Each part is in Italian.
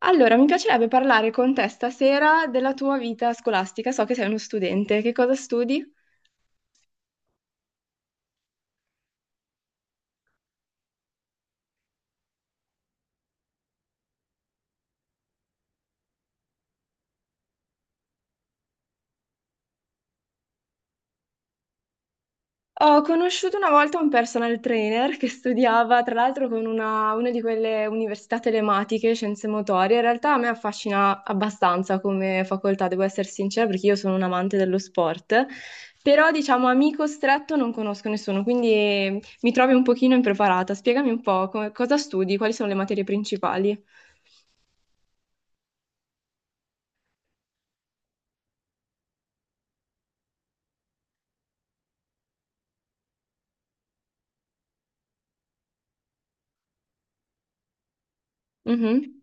Allora, mi piacerebbe parlare con te stasera della tua vita scolastica. So che sei uno studente, che cosa studi? Ho conosciuto una volta un personal trainer che studiava, tra l'altro, con una di quelle università telematiche, scienze motorie. In realtà a me affascina abbastanza come facoltà, devo essere sincera, perché io sono un amante dello sport. Però, diciamo, amico stretto non conosco nessuno, quindi mi trovi un pochino impreparata. Spiegami un po' cosa studi, quali sono le materie principali. Mhm.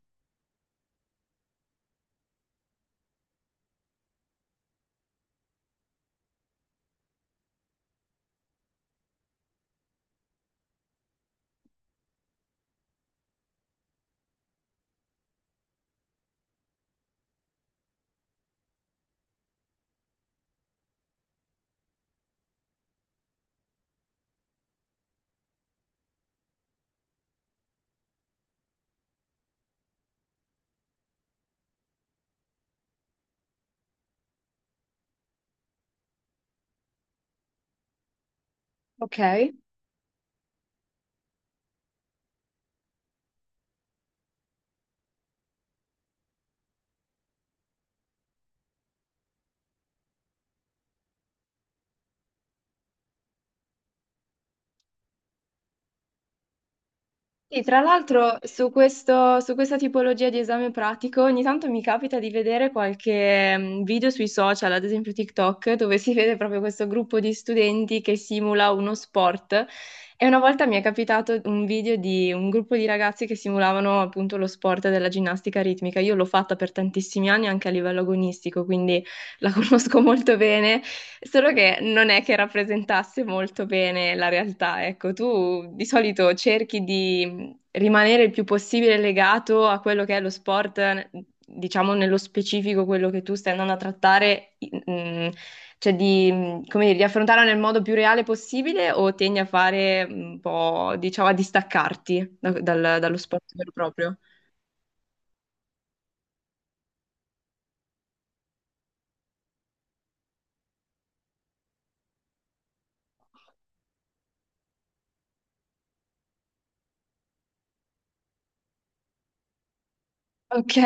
Ok. Sì, tra l'altro su su questa tipologia di esame pratico ogni tanto mi capita di vedere qualche video sui social, ad esempio TikTok, dove si vede proprio questo gruppo di studenti che simula uno sport. E una volta mi è capitato un video di un gruppo di ragazzi che simulavano appunto lo sport della ginnastica ritmica. Io l'ho fatta per tantissimi anni anche a livello agonistico, quindi la conosco molto bene, solo che non è che rappresentasse molto bene la realtà. Ecco, tu di solito cerchi di rimanere il più possibile legato a quello che è lo sport, diciamo nello specifico quello che tu stai andando a trattare, mm, cioè di, come dire, di affrontarlo nel modo più reale possibile o tendi a fare un po', diciamo, a distaccarti dallo sport vero e proprio? Ok.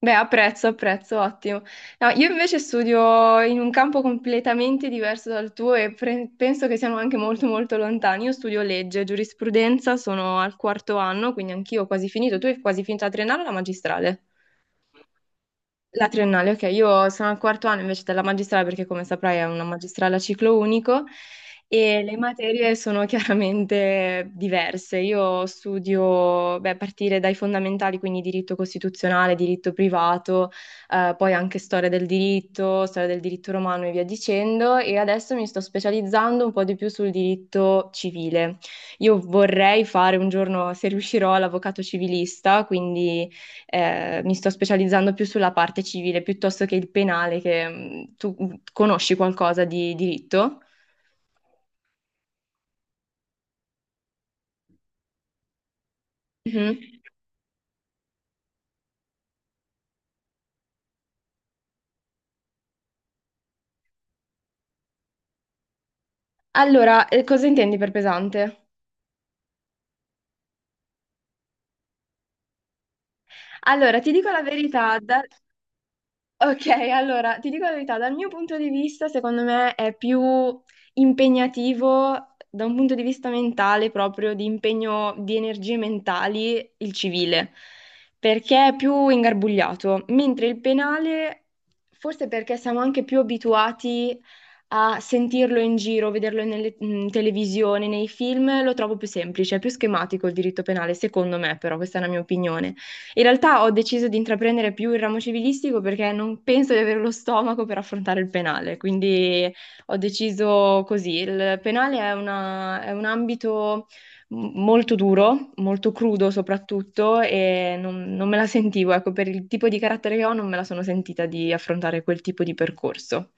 Beh, apprezzo, apprezzo, ottimo. No, io invece studio in un campo completamente diverso dal tuo e penso che siamo anche molto molto lontani. Io studio legge, giurisprudenza, sono al quarto anno, quindi anch'io ho quasi finito. Tu hai quasi finito la triennale o la magistrale? La triennale, ok, io sono al quarto anno invece della magistrale perché come saprai è una magistrale a ciclo unico e le materie sono chiaramente diverse. Io studio, beh, a partire dai fondamentali, quindi diritto costituzionale, diritto privato, poi anche storia del diritto romano e via dicendo e adesso mi sto specializzando un po' di più sul diritto civile. Io vorrei fare un giorno, se riuscirò, l'avvocato civilista, quindi mi sto specializzando più sulla parte civile piuttosto che il penale, che tu conosci qualcosa di diritto? Mhm. Allora, cosa intendi per pesante? Allora, ti dico la verità. Ok, allora ti dico la verità, dal mio punto di vista, secondo me è più impegnativo da un punto di vista mentale, proprio di impegno di energie mentali, il civile, perché è più ingarbugliato, mentre il penale, forse perché siamo anche più abituati a sentirlo in giro, vederlo nelle, in televisione, nei film, lo trovo più semplice, è più schematico il diritto penale, secondo me, però questa è la mia opinione. In realtà ho deciso di intraprendere più il ramo civilistico perché non penso di avere lo stomaco per affrontare il penale, quindi ho deciso così. Il penale è è un ambito molto duro, molto crudo soprattutto, e non me la sentivo, ecco, per il tipo di carattere che ho, non me la sono sentita di affrontare quel tipo di percorso.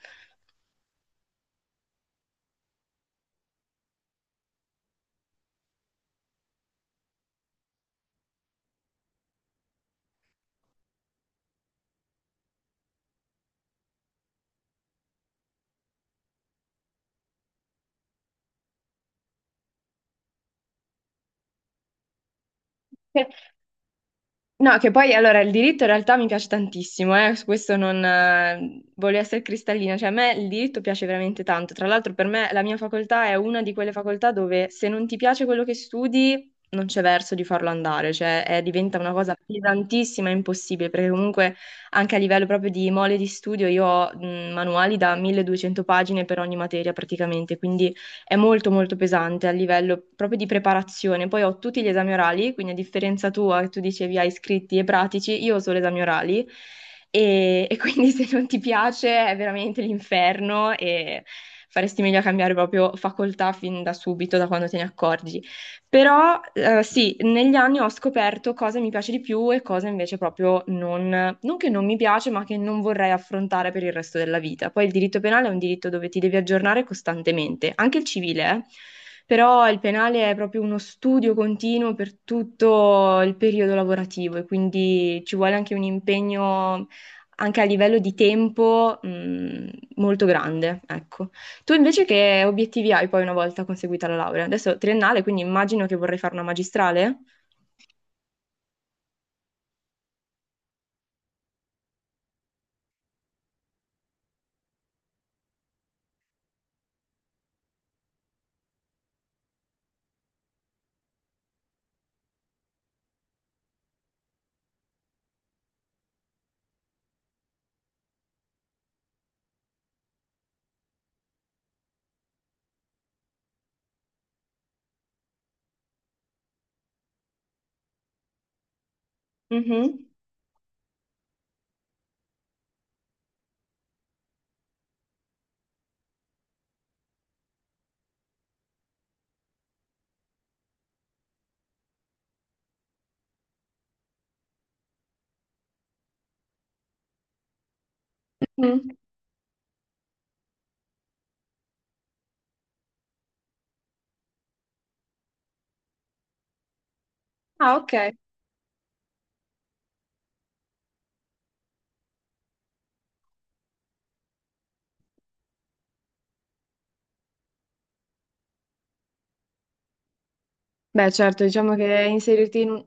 No, che poi allora il diritto in realtà mi piace tantissimo, su questo non voglio essere cristallina, cioè a me il diritto piace veramente tanto. Tra l'altro per me la mia facoltà è una di quelle facoltà dove se non ti piace quello che studi non c'è verso di farlo andare, cioè diventa una cosa pesantissima e impossibile, perché comunque anche a livello proprio di mole di studio io ho manuali da 1200 pagine per ogni materia praticamente, quindi è molto molto pesante a livello proprio di preparazione. Poi ho tutti gli esami orali, quindi a differenza tua, che tu dicevi hai scritti e pratici, io ho solo esami orali e quindi se non ti piace è veramente l'inferno e faresti meglio a cambiare proprio facoltà fin da subito, da quando te ne accorgi. Però sì, negli anni ho scoperto cosa mi piace di più e cosa invece proprio non che non mi piace, ma che non vorrei affrontare per il resto della vita. Poi il diritto penale è un diritto dove ti devi aggiornare costantemente, anche il civile, eh. Però il penale è proprio uno studio continuo per tutto il periodo lavorativo e quindi ci vuole anche un impegno anche a livello di tempo, molto grande, ecco. Tu invece che obiettivi hai poi una volta conseguita la laurea? Adesso triennale, quindi immagino che vorrei fare una magistrale? Mhm. Mm. Ah, ok. Beh, certo, diciamo che inserirti in.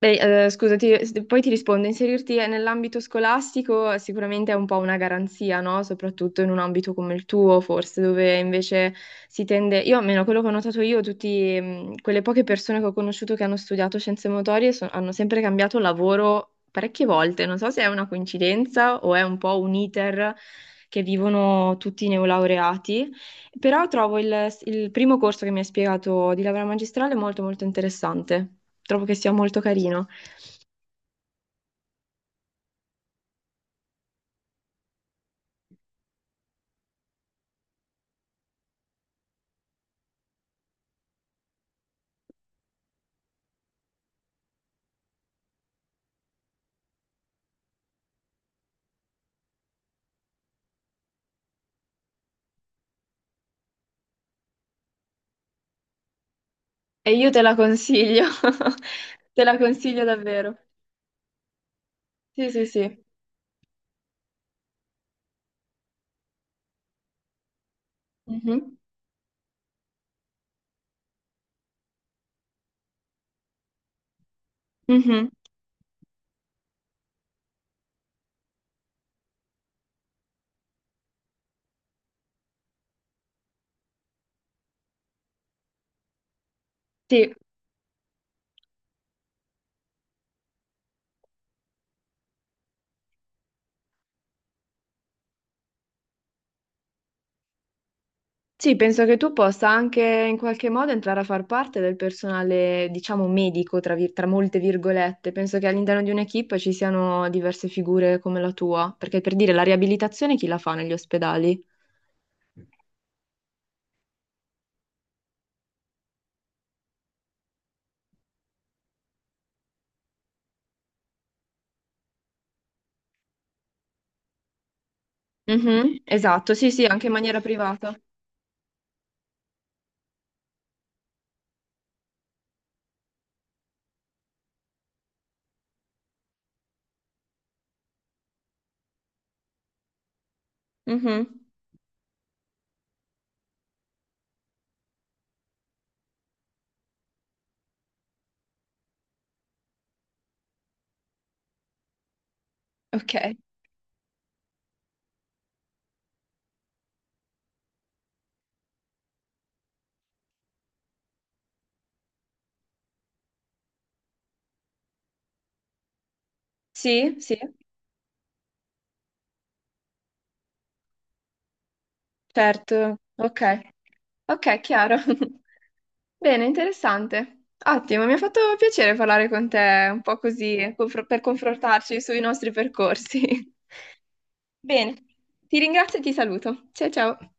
Beh, scusa, poi ti rispondo, inserirti nell'ambito scolastico sicuramente è un po' una garanzia, no? Soprattutto in un ambito come il tuo, forse, dove invece si tende, io almeno quello che ho notato io, tutte quelle poche persone che ho conosciuto che hanno studiato scienze motorie hanno sempre cambiato lavoro parecchie volte, non so se è una coincidenza o è un po' un iter che vivono tutti i neolaureati. Però trovo il primo corso che mi hai spiegato di laurea magistrale molto molto interessante. Trovo che sia molto carino e io te la consiglio. Te la consiglio davvero. Sì, sì, sì. Mhm. Mhm. Sì. Sì, penso che tu possa anche in qualche modo entrare a far parte del personale, diciamo, medico, tra molte virgolette. Penso che all'interno di un'equipe ci siano diverse figure come la tua, perché per dire la riabilitazione chi la fa negli ospedali? Mhm, esatto, sì, sì, anche in maniera privata. Mhm. Ok. Sì, sì, certo. Ok. Ok, chiaro. Bene, interessante. Ottimo, mi ha fatto piacere parlare con te un po' così, per confrontarci sui nostri percorsi. Bene, ti ringrazio e ti saluto. Ciao ciao.